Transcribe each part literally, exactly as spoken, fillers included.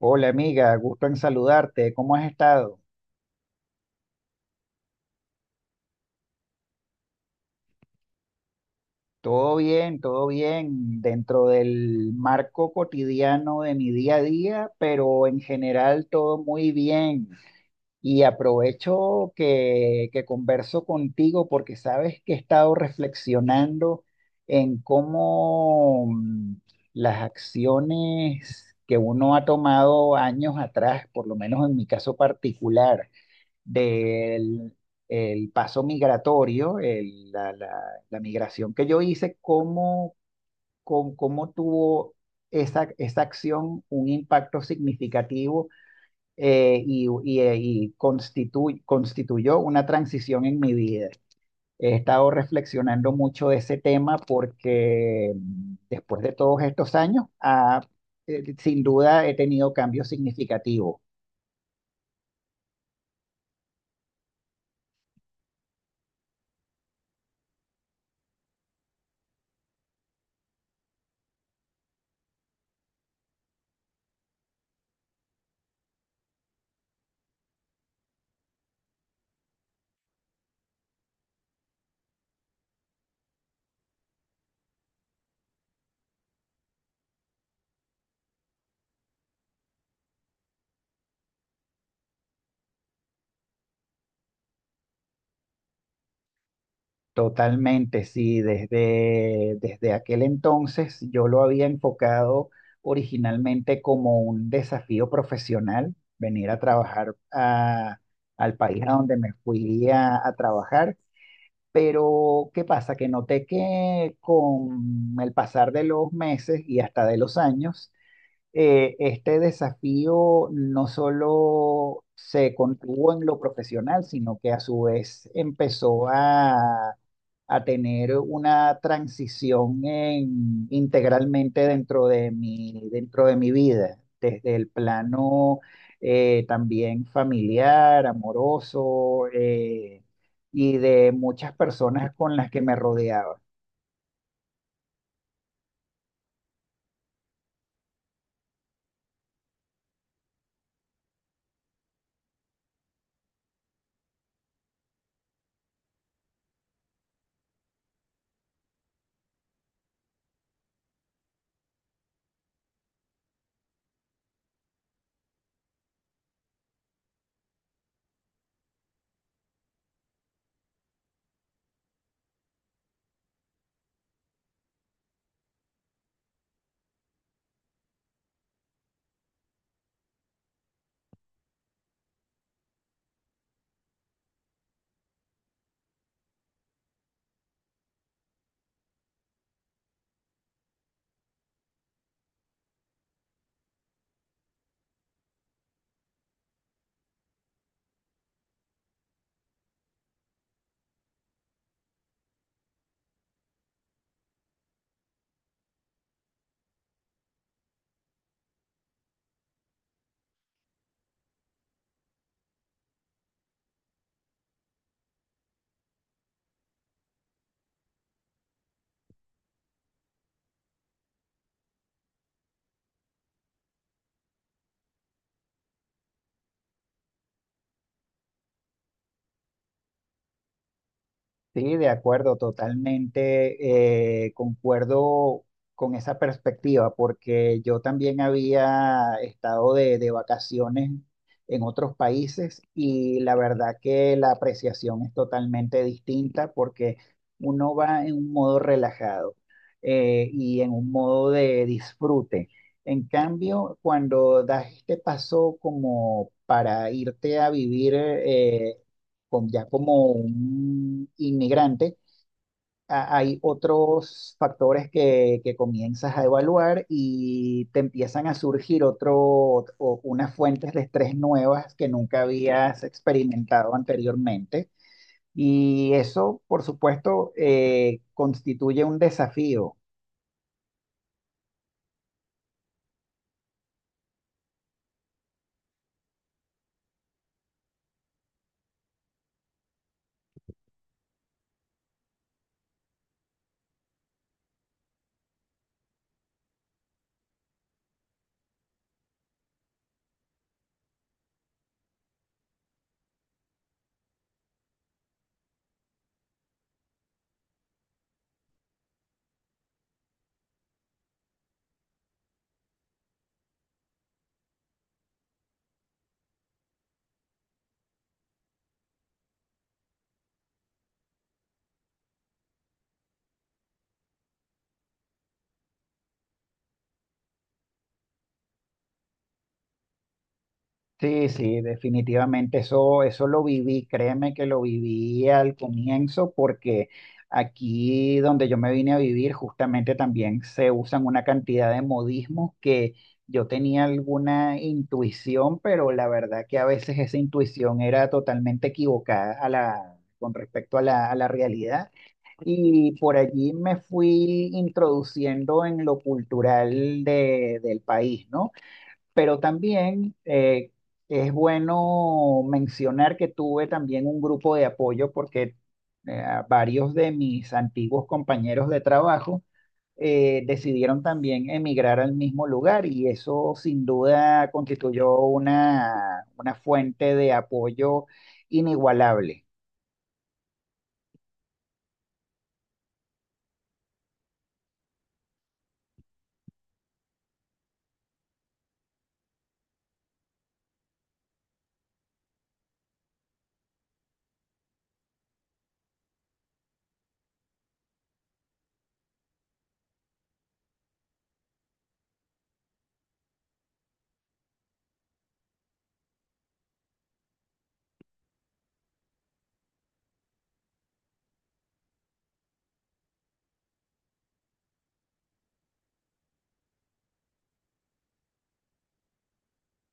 Hola amiga, gusto en saludarte. ¿Cómo has estado? Todo bien, todo bien, dentro del marco cotidiano de mi día a día, pero en general todo muy bien. Y aprovecho que, que converso contigo porque sabes que he estado reflexionando en cómo mm, las acciones que uno ha tomado años atrás, por lo menos en mi caso particular, del el paso migratorio, el- la, la- la migración que yo hice, cómo, con, cómo tuvo esa, esa acción un impacto significativo, eh, y, y, eh, y constitu- constituyó una transición en mi vida. He estado reflexionando mucho de ese tema porque mm, después de todos estos años, ah, eh, sin duda he tenido cambios significativos. Totalmente, sí, desde, desde aquel entonces yo lo había enfocado originalmente como un desafío profesional, venir a trabajar a- al país a donde me fui a, a trabajar, pero ¿qué pasa? Que noté que con el pasar de los meses y hasta de los años, eh, este desafío no solo se contuvo en lo profesional, sino que a su vez empezó a, a tener una transición en- integralmente dentro de mi, dentro de mi vida, desde el plano eh, también familiar, amoroso, eh, y de muchas personas con las que me rodeaba. Sí, de acuerdo, totalmente, eh, concuerdo con esa perspectiva, porque yo también había estado de, de vacaciones en otros países y la verdad que la apreciación es totalmente distinta porque uno va en un modo relajado, eh, y en un modo de disfrute. En cambio, cuando das este paso como para irte a vivir, eh, con- ya como un inmigrante, a- hay otros factores que, que comienzas a evaluar y te empiezan a surgir otro, o unas fuentes de estrés nuevas que nunca habías experimentado anteriormente. Y eso, por supuesto, eh, constituye un desafío. Sí, sí, definitivamente eso, eso lo viví, créeme que lo viví al comienzo porque aquí donde yo me vine a vivir justamente también se usan una cantidad de modismos que yo tenía alguna intuición, pero la verdad que a veces esa intuición era totalmente equivocada a la, con respecto a la, a la realidad y por allí me fui introduciendo en lo cultural de- del país, ¿no? Pero también eh, es bueno mencionar que tuve también un grupo de apoyo porque eh, varios de mis antiguos compañeros de trabajo eh, decidieron también emigrar al mismo lugar y eso sin duda constituyó una, una fuente de apoyo inigualable.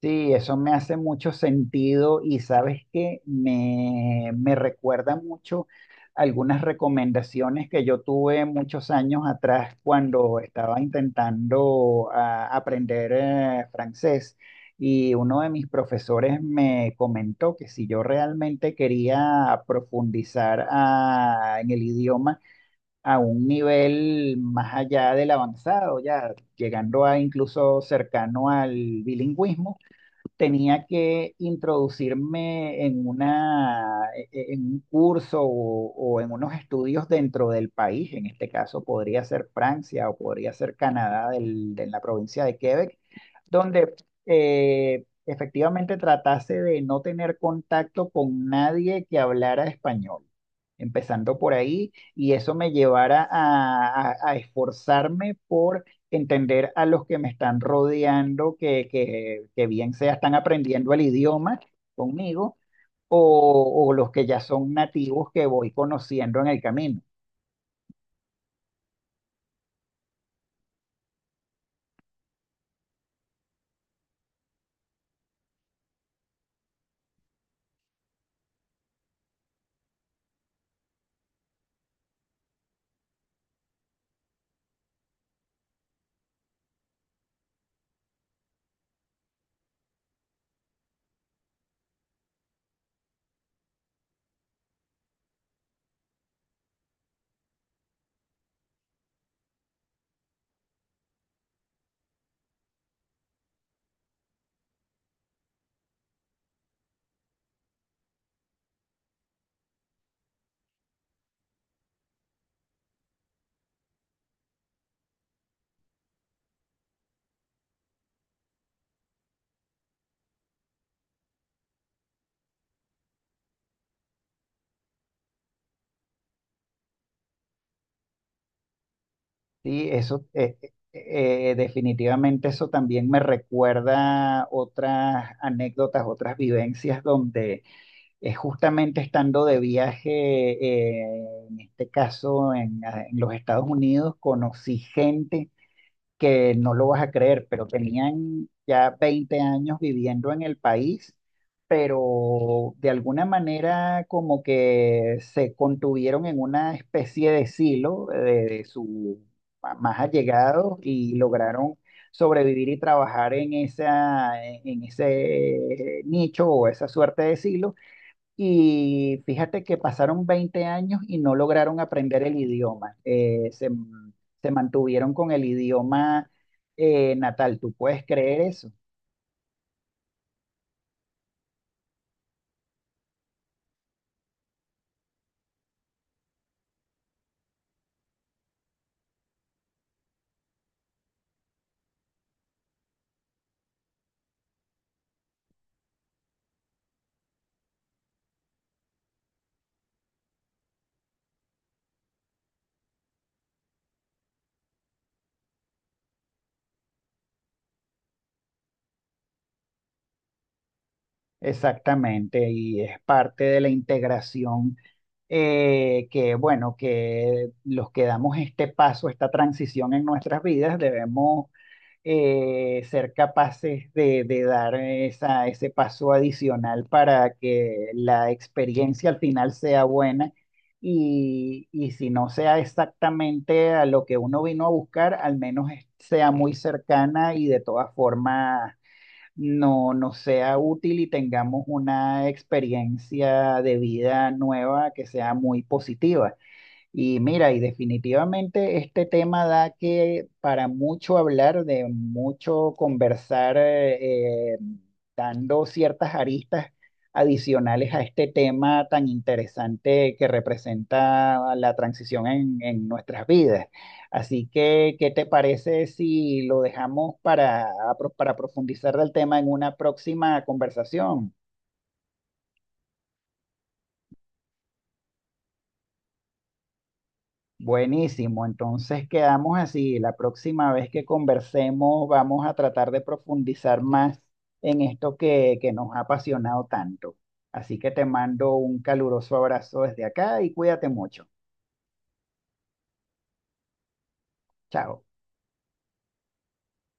Sí, eso me hace mucho sentido y sabes que me, me recuerda mucho algunas recomendaciones que yo tuve muchos años atrás cuando estaba intentando ah, aprender eh, francés y uno de mis profesores me comentó que si yo realmente quería profundizar ah, en el idioma a un nivel más allá del avanzado, ya llegando a incluso cercano al bilingüismo, tenía que introducirme en una, e- e- en un curso o, o en unos estudios dentro del país. En este caso podría ser Francia o podría ser Canadá del- de la provincia de Quebec donde eh, efectivamente tratase de no tener contacto con nadie que hablara español, empezando por ahí, y eso me llevara a, a- a esforzarme por entender a los que me están rodeando, que, que- que bien sea están aprendiendo el idioma conmigo, o, o los que ya son nativos que voy conociendo en el camino. Sí, eso, eh, eh, eh, definitivamente eso también me recuerda otras anécdotas, otras vivencias donde eh, justamente estando de viaje, eh, en este caso en, en los Estados Unidos, conocí gente que no lo vas a creer, pero tenían ya veinte años viviendo en el país, pero de alguna manera como que se contuvieron en una especie de silo de, de sus más allegados y lograron sobrevivir y trabajar en esa, en ese nicho o esa suerte de silo y fíjate que pasaron veinte años y no lograron aprender el idioma. Eh, se, se mantuvieron con el idioma eh, natal. ¿Tú puedes creer eso? Exactamente. Y es parte de la integración, eh, que, bueno, que los que damos este paso, esta transición en nuestras vidas, debemos eh, ser capaces de, de dar esa, ese paso adicional para que la experiencia al final sea buena y, y si no sea exactamente a lo que uno vino a buscar, al menos es- sea muy cercana y de todas formas no, no sea útil y tengamos una experiencia de vida nueva que sea muy positiva. Y mira, y definitivamente este tema da que para mucho hablar, de mucho conversar, eh, eh, dando ciertas aristas adicionales a este tema tan interesante que representa la transición en, en nuestras vidas. Así que, ¿qué te parece si lo dejamos para, para profundizar del tema en una próxima conversación? Buenísimo, entonces quedamos así. La próxima vez que conversemos vamos a tratar de profundizar más en esto que, que nos ha apasionado tanto. Así que te mando un caluroso abrazo desde acá y cuídate mucho. Chao.